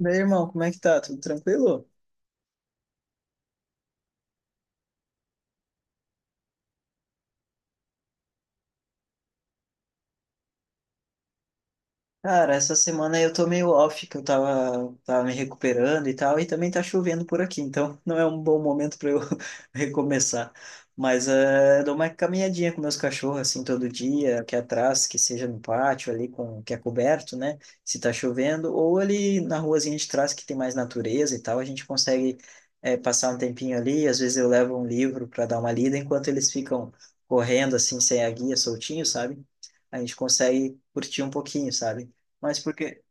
Meu irmão, como é que tá? Tudo tranquilo? Cara, essa semana eu tô meio off, que eu tava me recuperando e tal, e também tá chovendo por aqui, então não é um bom momento para eu recomeçar. Mas eu dou uma caminhadinha com meus cachorros, assim, todo dia, aqui atrás, que seja no pátio ali, com, que é coberto, né? Se tá chovendo, ou ali na ruazinha de trás, que tem mais natureza e tal, a gente consegue passar um tempinho ali, às vezes eu levo um livro para dar uma lida, enquanto eles ficam correndo, assim, sem a guia, soltinho, sabe? A gente consegue curtir um pouquinho, sabe? Mas porque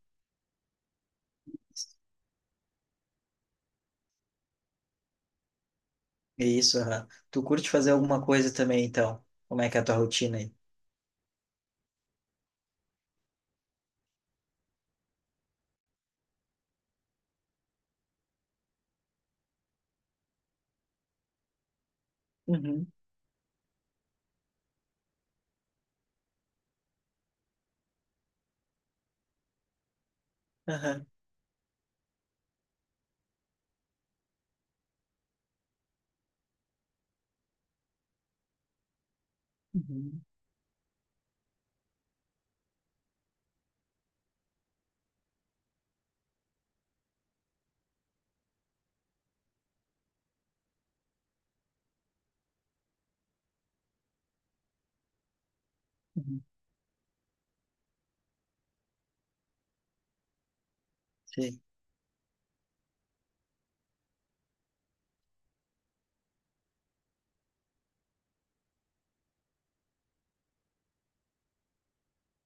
isso, aham. Tu curte fazer alguma coisa também, então? Como é que é a tua rotina aí? Uhum, aham, uhum, uhum, sei.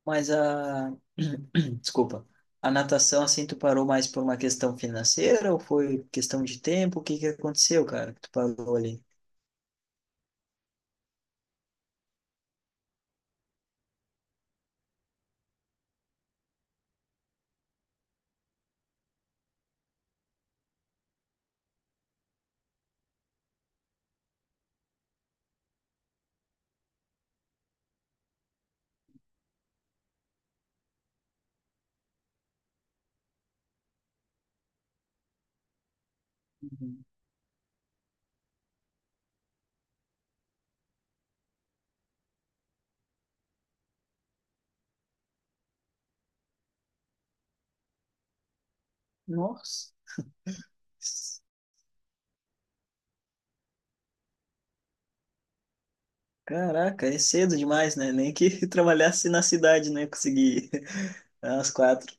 Mas a... Desculpa. A natação, assim, tu parou mais por uma questão financeira ou foi questão de tempo? O que que aconteceu, cara, que tu parou ali? Uhum. Nossa. Caraca, é cedo demais, né? Nem que trabalhasse na cidade, né? Consegui às quatro.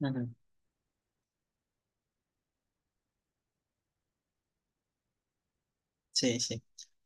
Uhum. Sim, sim.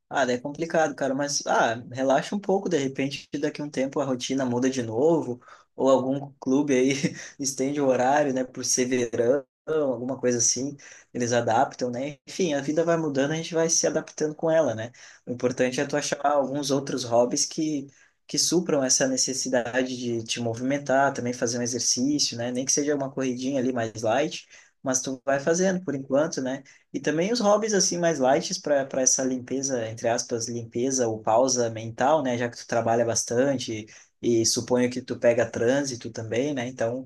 Ah, daí é complicado, cara, mas ah, relaxa um pouco, de repente daqui a um tempo a rotina muda de novo, ou algum clube aí estende o horário, né, por ser verão, alguma coisa assim, eles adaptam, né? Enfim, a vida vai mudando, a gente vai se adaptando com ela, né? O importante é tu achar alguns outros hobbies que supram essa necessidade de te movimentar, também fazer um exercício, né? Nem que seja uma corridinha ali mais light, mas tu vai fazendo por enquanto, né? E também os hobbies assim mais light para essa limpeza, entre aspas, limpeza ou pausa mental, né? Já que tu trabalha bastante e suponho que tu pega trânsito também, né? Então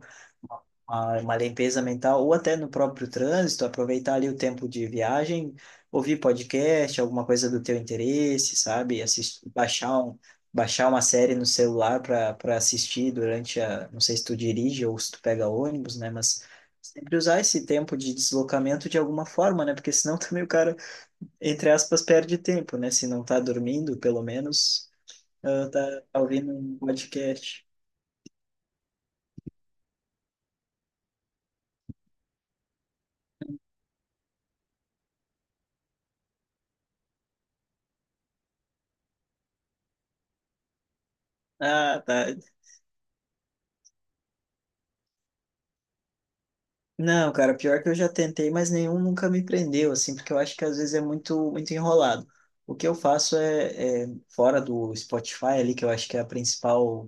uma limpeza mental, ou até no próprio trânsito, aproveitar ali o tempo de viagem, ouvir podcast, alguma coisa do teu interesse, sabe? Assistir, baixar uma série no celular para assistir durante a, não sei se tu dirige ou se tu pega ônibus, né? Mas sempre usar esse tempo de deslocamento de alguma forma, né? Porque senão também o cara, entre aspas, perde tempo, né? Se não tá dormindo, pelo menos, ah, tá, tá ouvindo um podcast. Ah, tá. Não, cara, pior que eu já tentei, mas nenhum nunca me prendeu, assim, porque eu acho que às vezes é muito enrolado. O que eu faço é fora do Spotify ali, que eu acho que é a principal,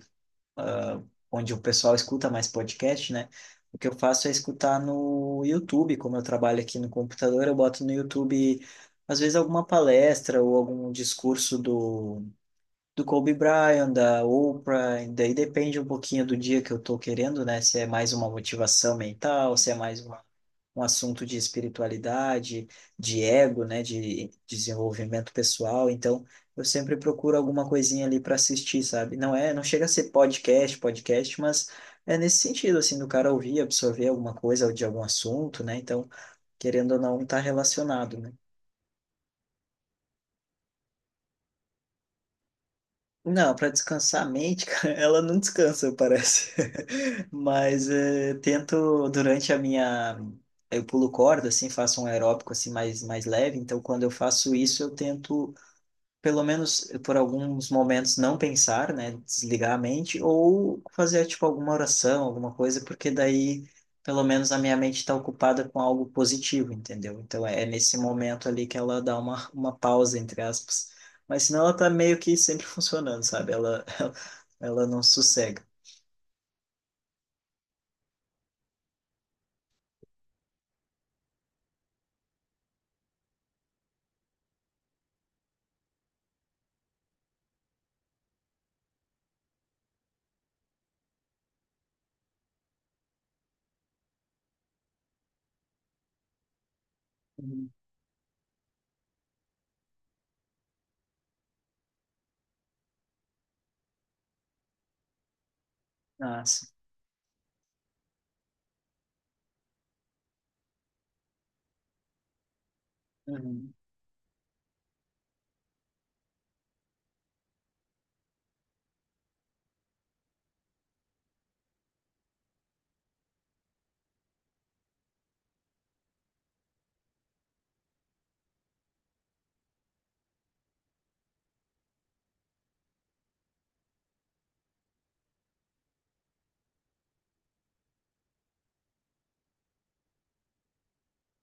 ah, onde o pessoal escuta mais podcast, né? O que eu faço é escutar no YouTube, como eu trabalho aqui no computador, eu boto no YouTube, às vezes, alguma palestra ou algum do Kobe Bryant, da Oprah, e daí depende um pouquinho do dia que eu tô querendo, né? Se é mais uma motivação mental, se é mais uma um assunto de espiritualidade, de ego, né, de desenvolvimento pessoal. Então, eu sempre procuro alguma coisinha ali para assistir, sabe? Não é, não chega a ser podcast, mas é nesse sentido assim do cara ouvir, absorver alguma coisa de algum assunto, né? Então, querendo ou não, tá relacionado, né? Não, para descansar a mente, cara, ela não descansa, parece. Mas tento durante a minha eu pulo corda, assim, faço um aeróbico assim mais leve. Então, quando eu faço isso, eu tento pelo menos por alguns momentos não pensar, né, desligar a mente ou fazer tipo alguma oração, alguma coisa, porque daí pelo menos a minha mente está ocupada com algo positivo, entendeu? Então é nesse momento ali que ela dá uma pausa, entre aspas. Mas senão ela tá meio que sempre funcionando, sabe? Ela, ela não sossega. Uhum. Ah, sim. Uhum.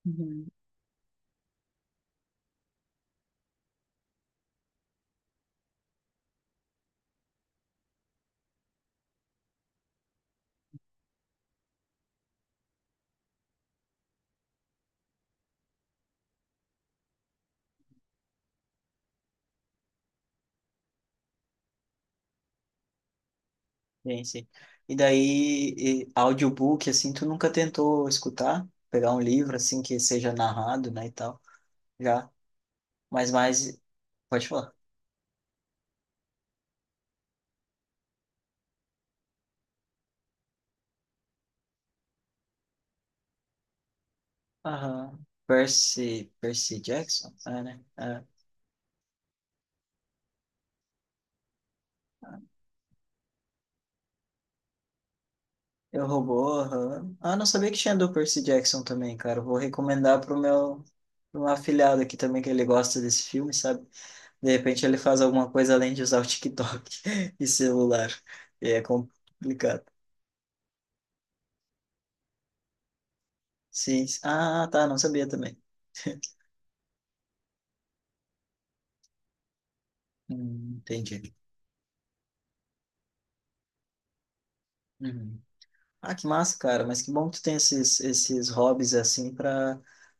Uhum. Sim, sim. E daí, e audiobook, assim, tu nunca tentou escutar? Pegar um livro, assim, que seja narrado, né, e tal? Já. Mas mais. Pode falar. Aham. Percy. Percy Jackson? Ah, né? Ah. Eu roubou, aham. Ah, não sabia que tinha do Percy Jackson também, cara. Eu vou recomendar pro meu afilhado aqui também, que ele gosta desse filme, sabe? De repente ele faz alguma coisa além de usar o TikTok e celular. E é complicado. Sim. Ah, tá. Não sabia também. Entendi. Uhum. Ah, que massa, cara. Mas que bom que tu tem esses hobbies assim para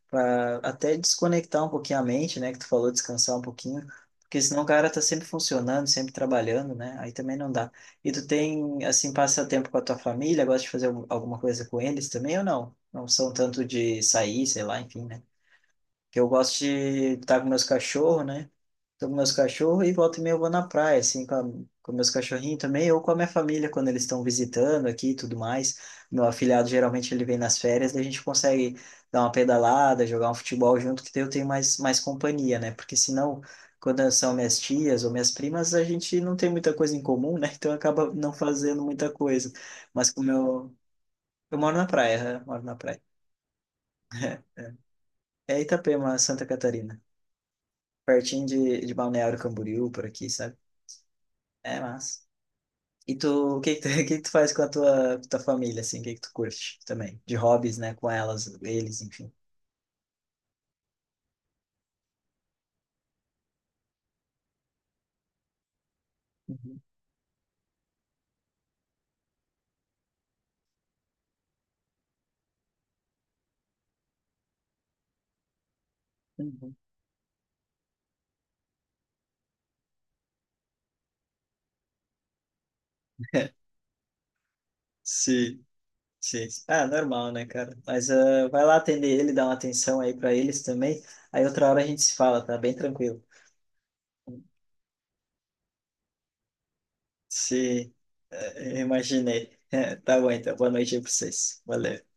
para até desconectar um pouquinho a mente, né? Que tu falou, descansar um pouquinho. Porque senão o cara tá sempre funcionando, sempre trabalhando, né? Aí também não dá. E tu tem, assim, passa tempo com a tua família, gosta de fazer alguma coisa com eles também ou não? Não são tanto de sair, sei lá, enfim, né? Que eu gosto de estar com meus cachorros, né? Tô com meus cachorros e volta e meia eu vou na praia, assim, com meus cachorrinhos também, ou com a minha família, quando eles estão visitando aqui e tudo mais. Meu afilhado, geralmente, ele vem nas férias, daí a gente consegue dar uma pedalada, jogar um futebol junto, que daí eu tenho mais companhia, né? Porque senão, quando são minhas tias ou minhas primas, a gente não tem muita coisa em comum, né? Então acaba não fazendo muita coisa. Mas como eu... Eu moro na praia, né? Moro na praia. É É Itapema, Santa Catarina. Pertinho de Balneário Camboriú, por aqui, sabe? É massa. E tu, o que que tu, o que que tu faz com a tua família, assim? O que que tu curte também? De hobbies, né? Com elas, eles, enfim. Uhum, uhum. Sim, sim. Ah, normal, né, cara? Mas ah, vai lá atender ele, dá uma atenção aí pra eles também. Aí outra hora a gente se fala, tá? Bem tranquilo. Sim, imaginei. Tá bom, então. Boa noite aí pra vocês. Valeu.